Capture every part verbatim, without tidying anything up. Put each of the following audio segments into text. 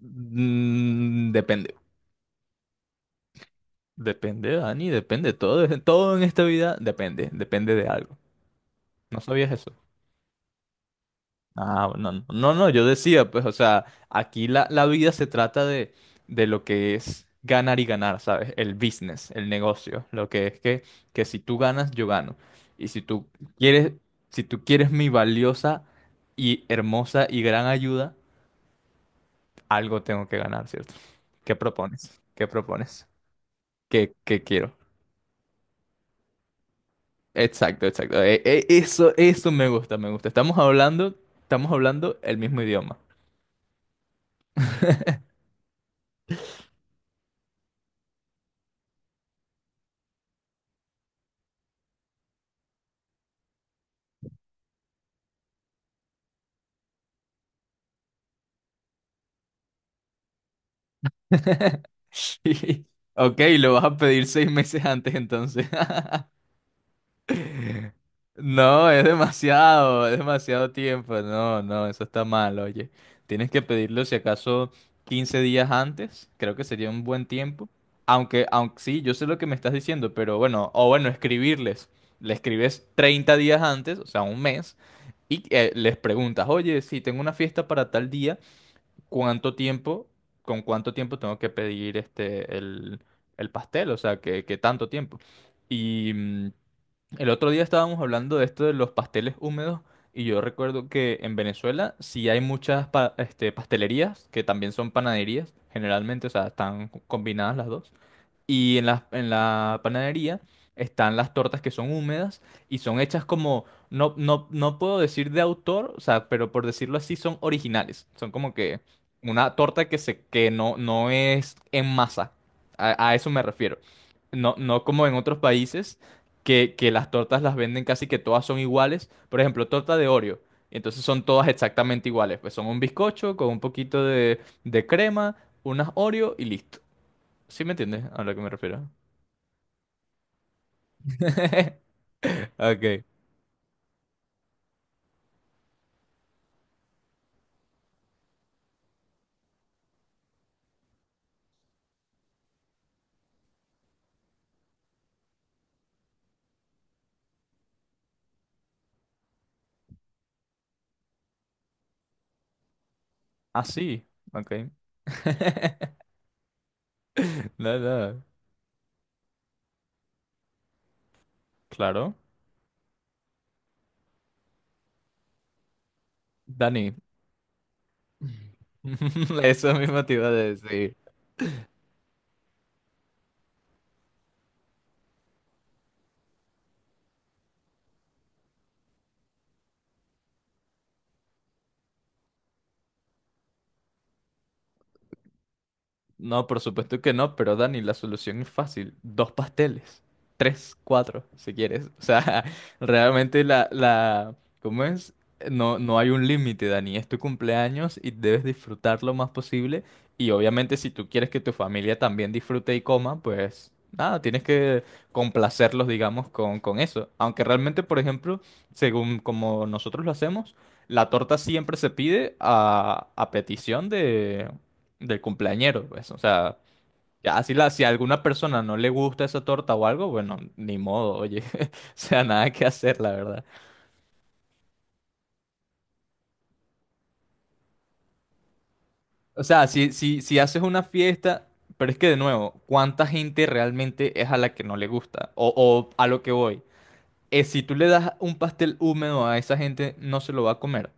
Mm, depende. Depende, Dani, depende. Todo, es- todo en esta vida depende, depende de algo. ¿No sabías eso? Ah, no, no, no, no, yo decía, pues, o sea, aquí la, la vida se trata de, de, lo que es ganar y ganar, ¿sabes? El business, el negocio, lo que es que, que si tú ganas, yo gano. Y si tú quieres, si tú quieres mi valiosa y hermosa y gran ayuda, algo tengo que ganar, ¿cierto? ¿Qué propones? ¿Qué propones? ¿Qué, qué quiero? Exacto, exacto. E- e- eso, eso me gusta, me gusta. Estamos hablando, estamos hablando el mismo idioma. Ok, lo vas a pedir seis meses antes entonces. No, es demasiado, es demasiado tiempo. No, no, eso está mal, oye. Tienes que pedirlo si acaso quince días antes, creo que sería un buen tiempo. Aunque, aunque sí, yo sé lo que me estás diciendo, pero bueno, o bueno, escribirles. Le escribes treinta días antes, o sea, un mes, y eh, les preguntas, oye, si tengo una fiesta para tal día, ¿cuánto tiempo, con cuánto tiempo tengo que pedir este, el, el pastel? O sea, ¿qué, qué tanto tiempo? Y mm, el otro día estábamos hablando de esto de los pasteles húmedos y yo recuerdo que en Venezuela sí hay muchas pa- este, pastelerías que también son panaderías, generalmente, o sea, están combinadas las dos. Y en la, en la panadería están las tortas que son húmedas y son hechas como, no, no, no puedo decir de autor, o sea, pero por decirlo así, son originales. Son como que una torta que, se, que no, no es en masa. A, a eso me refiero. No, no como en otros países que, que las tortas las venden casi que todas son iguales. Por ejemplo, torta de Oreo. Entonces son todas exactamente iguales. Pues son un bizcocho con un poquito de, de crema, unas Oreo y listo. ¿Sí me entiendes a lo que me refiero? Ok. Ah, sí. Ok. No, no. Claro. Dani. Eso mismo te iba a decir. No, por supuesto que no, pero Dani, la solución es fácil. Dos pasteles. Tres, cuatro, si quieres. O sea, realmente la, la... ¿Cómo es? No, no hay un límite, Dani. Es tu cumpleaños y debes disfrutar lo más posible. Y obviamente si tú quieres que tu familia también disfrute y coma, pues nada, tienes que complacerlos, digamos, con, con eso. Aunque realmente, por ejemplo, según como nosotros lo hacemos, la torta siempre se pide a, a petición de del cumpleañero, pues. O sea, ya si, la, si a alguna persona no le gusta esa torta o algo, bueno, ni modo, oye. O sea, nada que hacer, la verdad. O sea, si, si, si haces una fiesta, pero es que de nuevo, ¿cuánta gente realmente es a la que no le gusta? O, o a lo que voy. Eh, si tú le das un pastel húmedo a esa gente, no se lo va a comer.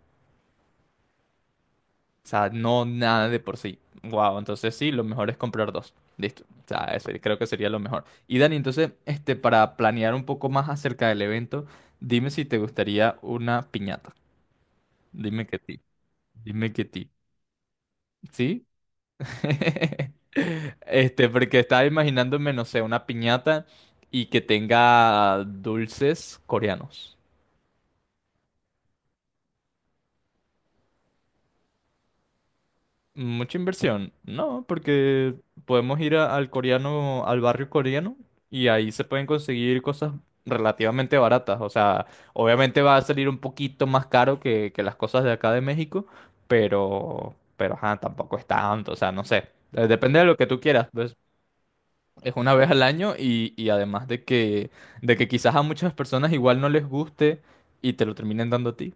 O sea, no nada de por sí. Wow, entonces sí, lo mejor es comprar dos. Listo. O sea, eso creo que sería lo mejor. Y Dani, entonces, este, para planear un poco más acerca del evento, dime si te gustaría una piñata. Dime que ti. Dime que ti. ¿Sí? Este, porque estaba imaginándome, no sé, una piñata y que tenga dulces coreanos. Mucha inversión. No, porque podemos ir a- al coreano, al barrio coreano, y ahí se pueden conseguir cosas relativamente baratas. O sea, obviamente va a salir un poquito más caro que, que, las cosas de acá de México, pero, pero ajá, tampoco es tanto. O sea, no sé. Eh, Depende de lo que tú quieras, pues, es una vez al año y, y, además de que, de que quizás a muchas personas igual no les guste y te lo terminen dando a ti.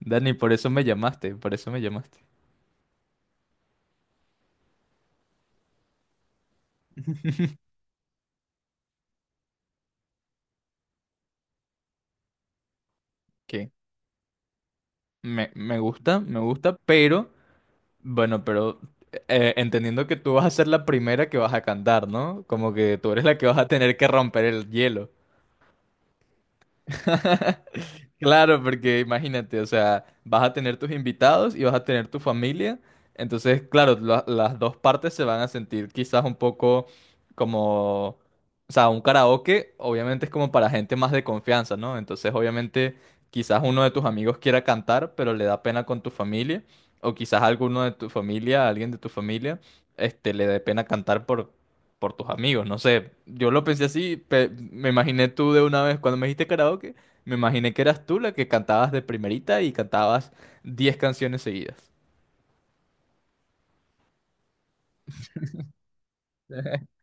Dani, por eso me llamaste, por eso me llamaste. ¿Qué? Me, me gusta, me gusta, pero bueno, pero eh, entendiendo que tú vas a ser la primera que vas a cantar, ¿no? Como que tú eres la que vas a tener que romper el hielo. Claro, porque imagínate, o sea, vas a tener tus invitados y vas a tener tu familia. Entonces, claro, la- las dos partes se van a sentir quizás un poco como, o sea, un karaoke obviamente es como para gente más de confianza, ¿no? Entonces, obviamente, quizás uno de tus amigos quiera cantar, pero le da pena con tu familia, o quizás alguno de tu familia, alguien de tu familia, este, le dé pena cantar por, por tus amigos, no sé. Yo lo pensé así, pe- me imaginé tú de una vez cuando me dijiste karaoke. Me imaginé que eras tú la que cantabas de primerita y cantabas diez canciones seguidas.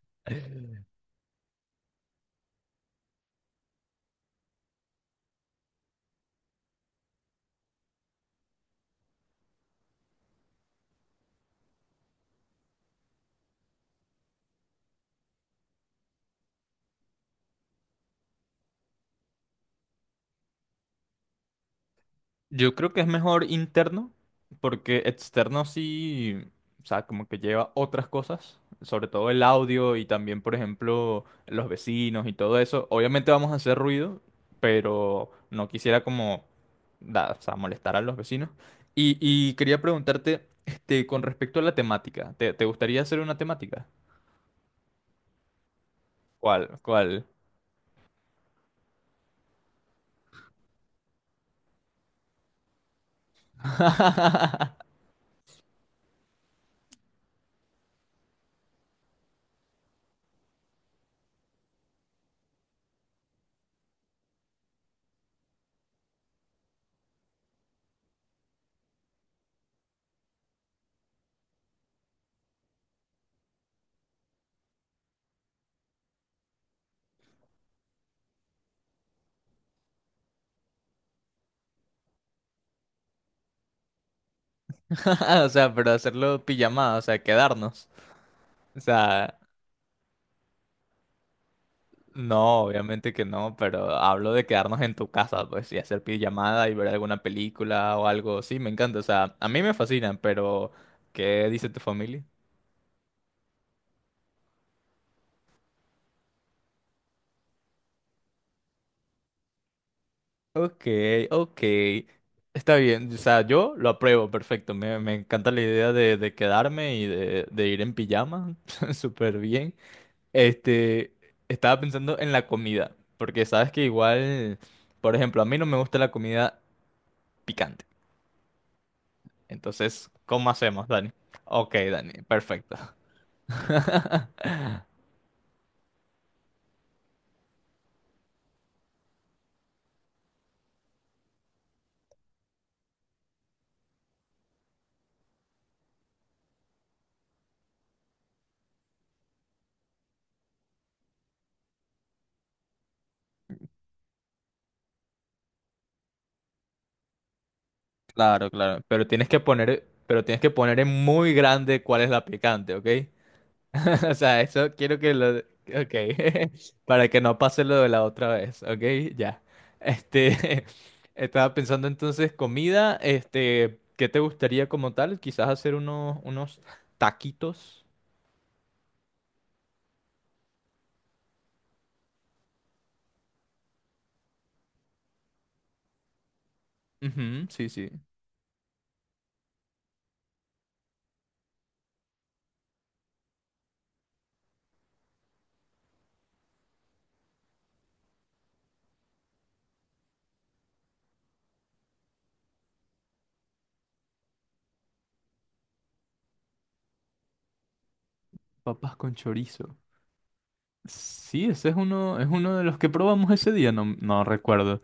Yo creo que es mejor interno, porque externo sí, o sea, como que lleva otras cosas, sobre todo el audio y también, por ejemplo, los vecinos y todo eso. Obviamente vamos a hacer ruido, pero no quisiera como, da- o sea, molestar a los vecinos. Y, y quería preguntarte, este, con respecto a la temática, ¿te, te gustaría hacer una temática? ¿Cuál? ¿Cuál? O sea, pero hacerlo pijamada, o sea, quedarnos. O sea, no, obviamente que no, pero hablo de quedarnos en tu casa, pues, y hacer pijamada y ver alguna película o algo. Sí, me encanta, o sea, a mí me fascinan, pero ¿qué dice tu familia? Ok, ok. Está bien, o sea, yo lo apruebo, perfecto. Me, me encanta la idea de, de quedarme y de, de ir en pijama, súper bien. Este, estaba pensando en la comida, porque sabes que igual, por ejemplo, a mí no me gusta la comida picante. Entonces, ¿cómo hacemos, Dani? Ok, Dani, perfecto. Claro, claro, pero tienes que poner, pero tienes que poner en muy grande cuál es la picante, ¿ok? O sea, eso quiero que lo... Ok, para que no pase lo de la otra vez, ok, ya. Este, estaba pensando entonces comida, este, ¿qué te gustaría como tal? Quizás hacer unos, unos taquitos. Ujú, sí, sí. Papas con chorizo. Sí, ese es uno, es uno de los que probamos ese día, no, no recuerdo.